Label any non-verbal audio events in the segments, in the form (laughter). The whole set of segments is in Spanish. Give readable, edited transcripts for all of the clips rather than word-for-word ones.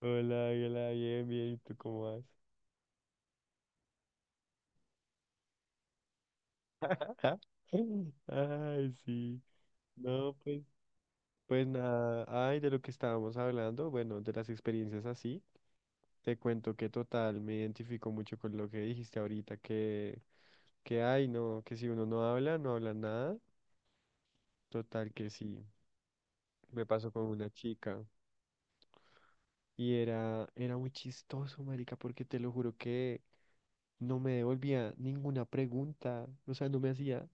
Hola, hola, bien, bien, ¿y tú cómo vas? (laughs) Ajá. Ay, sí. No, pues, pues nada. Ay, de lo que estábamos hablando, bueno, de las experiencias así, te cuento que total me identifico mucho con lo que dijiste ahorita, que ay, no, que si uno no habla, no habla nada. Total que sí. Me pasó con una chica y era muy chistoso, marica, porque te lo juro que no me devolvía ninguna pregunta, o sea, no me hacía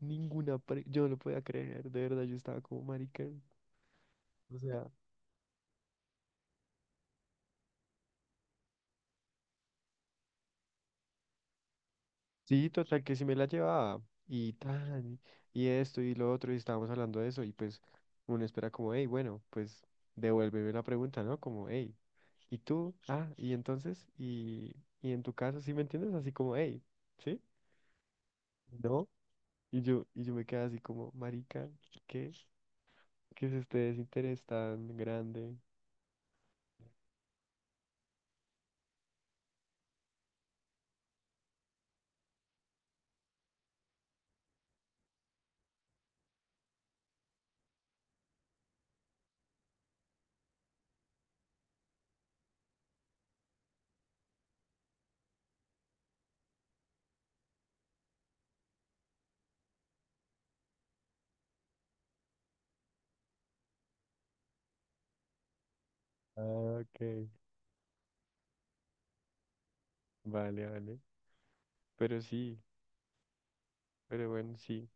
ninguna pregunta, yo no lo podía creer, de verdad, yo estaba como marica, o sea, sí, total, que sí me la llevaba, y tan, y esto, y lo otro, y estábamos hablando de eso, y pues uno espera como, hey, bueno, pues devuélveme la pregunta, ¿no? Como, hey, ¿y tú? Ah, y entonces, y en tu caso, ¿sí me entiendes? Así como, hey, ¿sí? ¿No? Y yo me quedé así como, marica, ¿qué? ¿Qué es este desinterés tan grande? Ah, ok. Vale, vale. Pero sí, pero bueno, sí.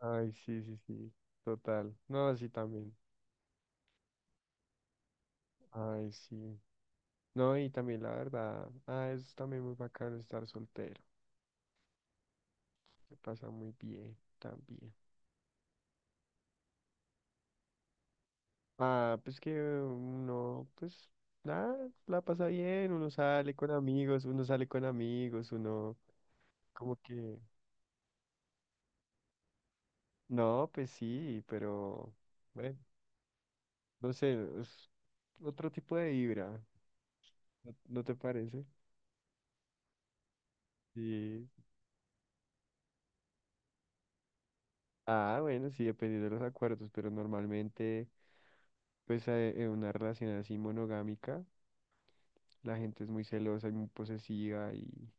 Ay, sí, sí, sí. Total. No, sí, también. Ay, sí. No, y también la verdad. Ah, es también muy bacano estar soltero. Se pasa muy bien también. Ah, pues que uno, pues nada, la pasa bien. Uno sale con amigos, uno como que. No, pues sí, pero bueno, no sé, es otro tipo de vibra. ¿No, no te parece? Sí. Ah, bueno, sí, dependiendo de los acuerdos, pero normalmente, pues en una relación así monogámica, la gente es muy celosa y muy posesiva y...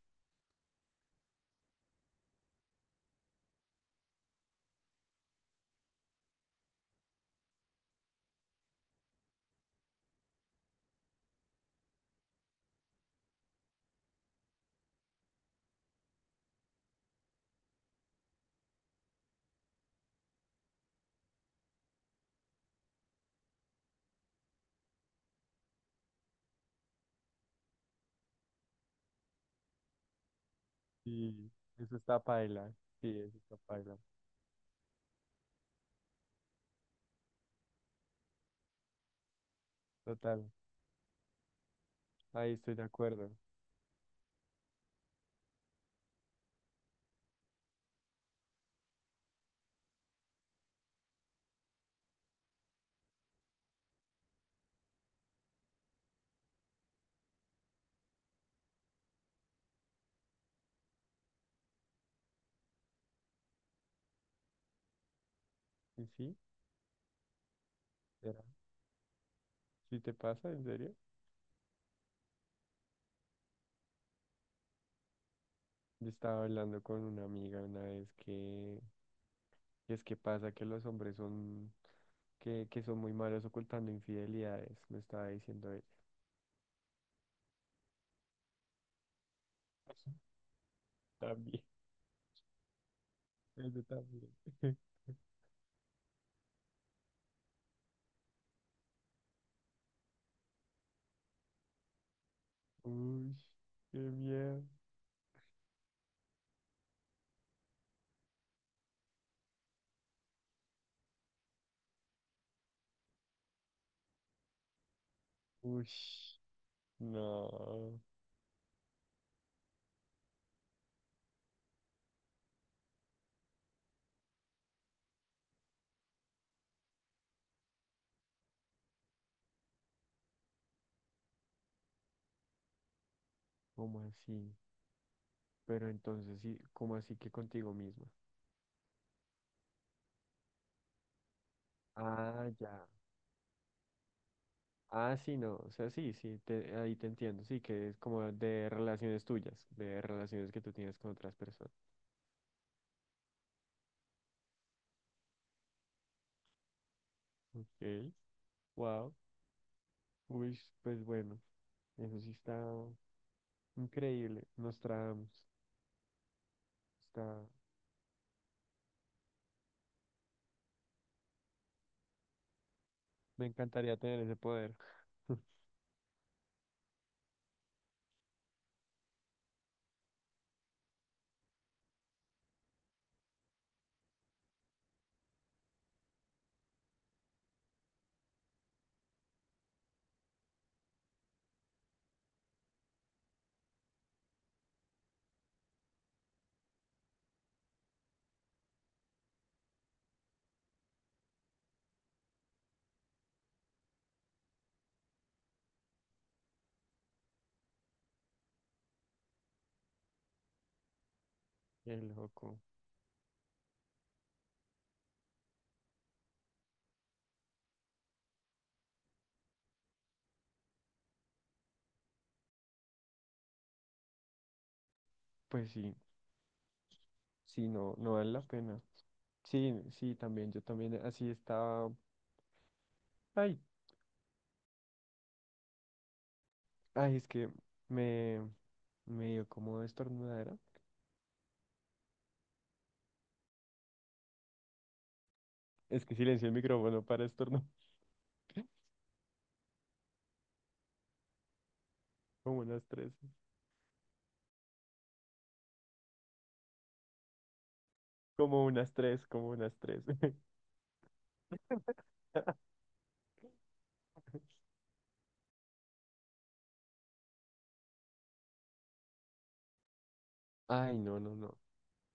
Sí, eso está paila. Sí, eso está paila. Total, ahí estoy de acuerdo. ¿Y sí? ¿Era? ¿Sí te pasa? ¿En serio? Yo estaba hablando con una amiga una vez que es que pasa que los hombres son... que son muy malos ocultando infidelidades, me estaba diciendo ella. (laughs) También. Ese también. (laughs) Uy, qué miedo. Uy, no. ¿Cómo así? Pero entonces sí, ¿cómo así que contigo misma? Ah, ya. Ah, sí, no. O sea, sí, sí, te- ahí te entiendo. Sí, que es como de relaciones tuyas, de relaciones que tú tienes con otras personas. Ok. Wow. Uy, pues bueno. Eso sí está increíble. Nos tragamos. Está... Me encantaría tener ese poder. (laughs) Qué loco. Pues sí. Sí, no, no vale la pena. Sí, sí, también, yo también así estaba. Ay, ay, es que me, me dio como estornudadera. Es que silencio el micrófono para estornudar. (laughs) Como unas tres. Como unas tres. (laughs) Ay, no, no, no.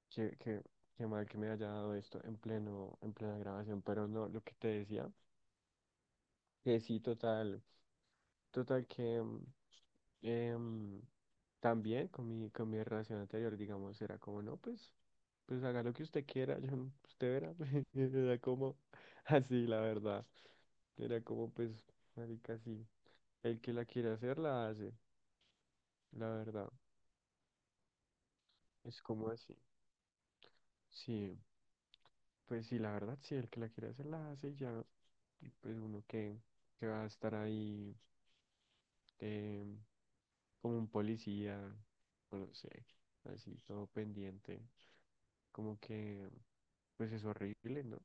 Qué, qué, qué mal que me haya dado esto en pleno, en plena grabación. Pero no, lo que te decía, que sí, total. Total que em, también con mi relación anterior, digamos, era como, no, pues, pues haga lo que usted quiera, yo, no- usted verá. (laughs) Era como así, la verdad. Era como, pues, marica, sí. El que la quiere hacer, la hace, la verdad. Es como así. Sí, pues sí, la verdad, sí, el que la quiere hacer, la hace y ya. y pues uno que va a estar ahí. em, Como un policía, o no sé, así todo pendiente, como que pues es horrible, ¿no?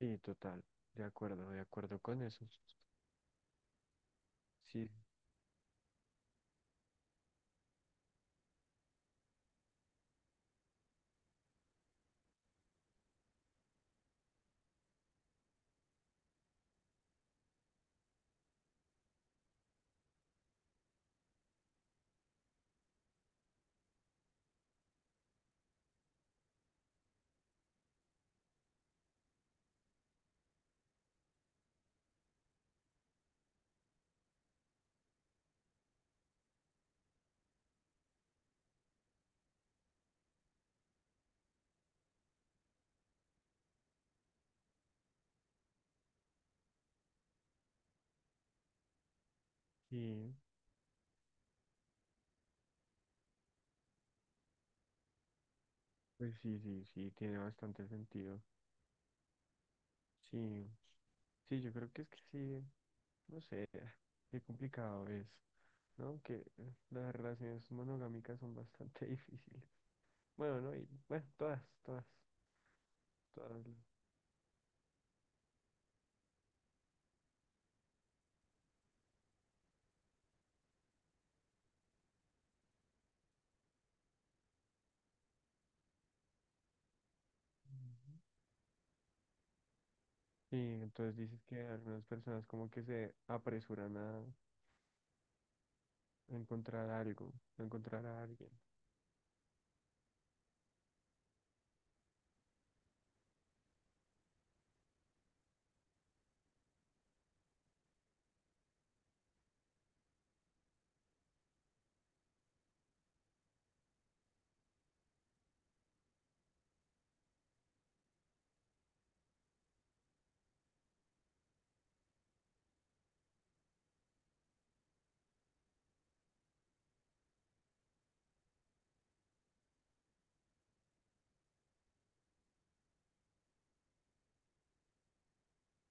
Sí, total, de acuerdo con eso. Sí, sí, pues sí, sí, sí, tiene bastante sentido. Sí, sí, yo creo que es que sí, no sé, qué complicado es, ¿no? Que las relaciones monogámicas son bastante (laughs) difíciles. Bueno, no, y bueno, todas, todas, todas. Las- Sí, entonces dices que algunas personas como que se apresuran a encontrar algo, a encontrar a alguien.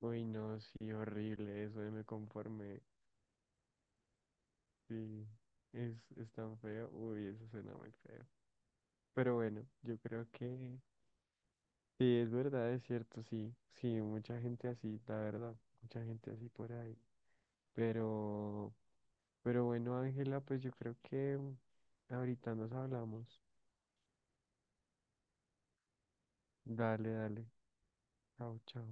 Uy, no, sí, horrible, eso de me conformé. Sí, es tan feo. Uy, eso suena muy feo. Pero bueno, yo creo que sí, es verdad, es cierto, sí. Sí, mucha gente así, la verdad, mucha gente así por ahí. Pero, pero bueno, Ángela, pues yo creo que ahorita nos hablamos. Dale, dale. Chao, chao.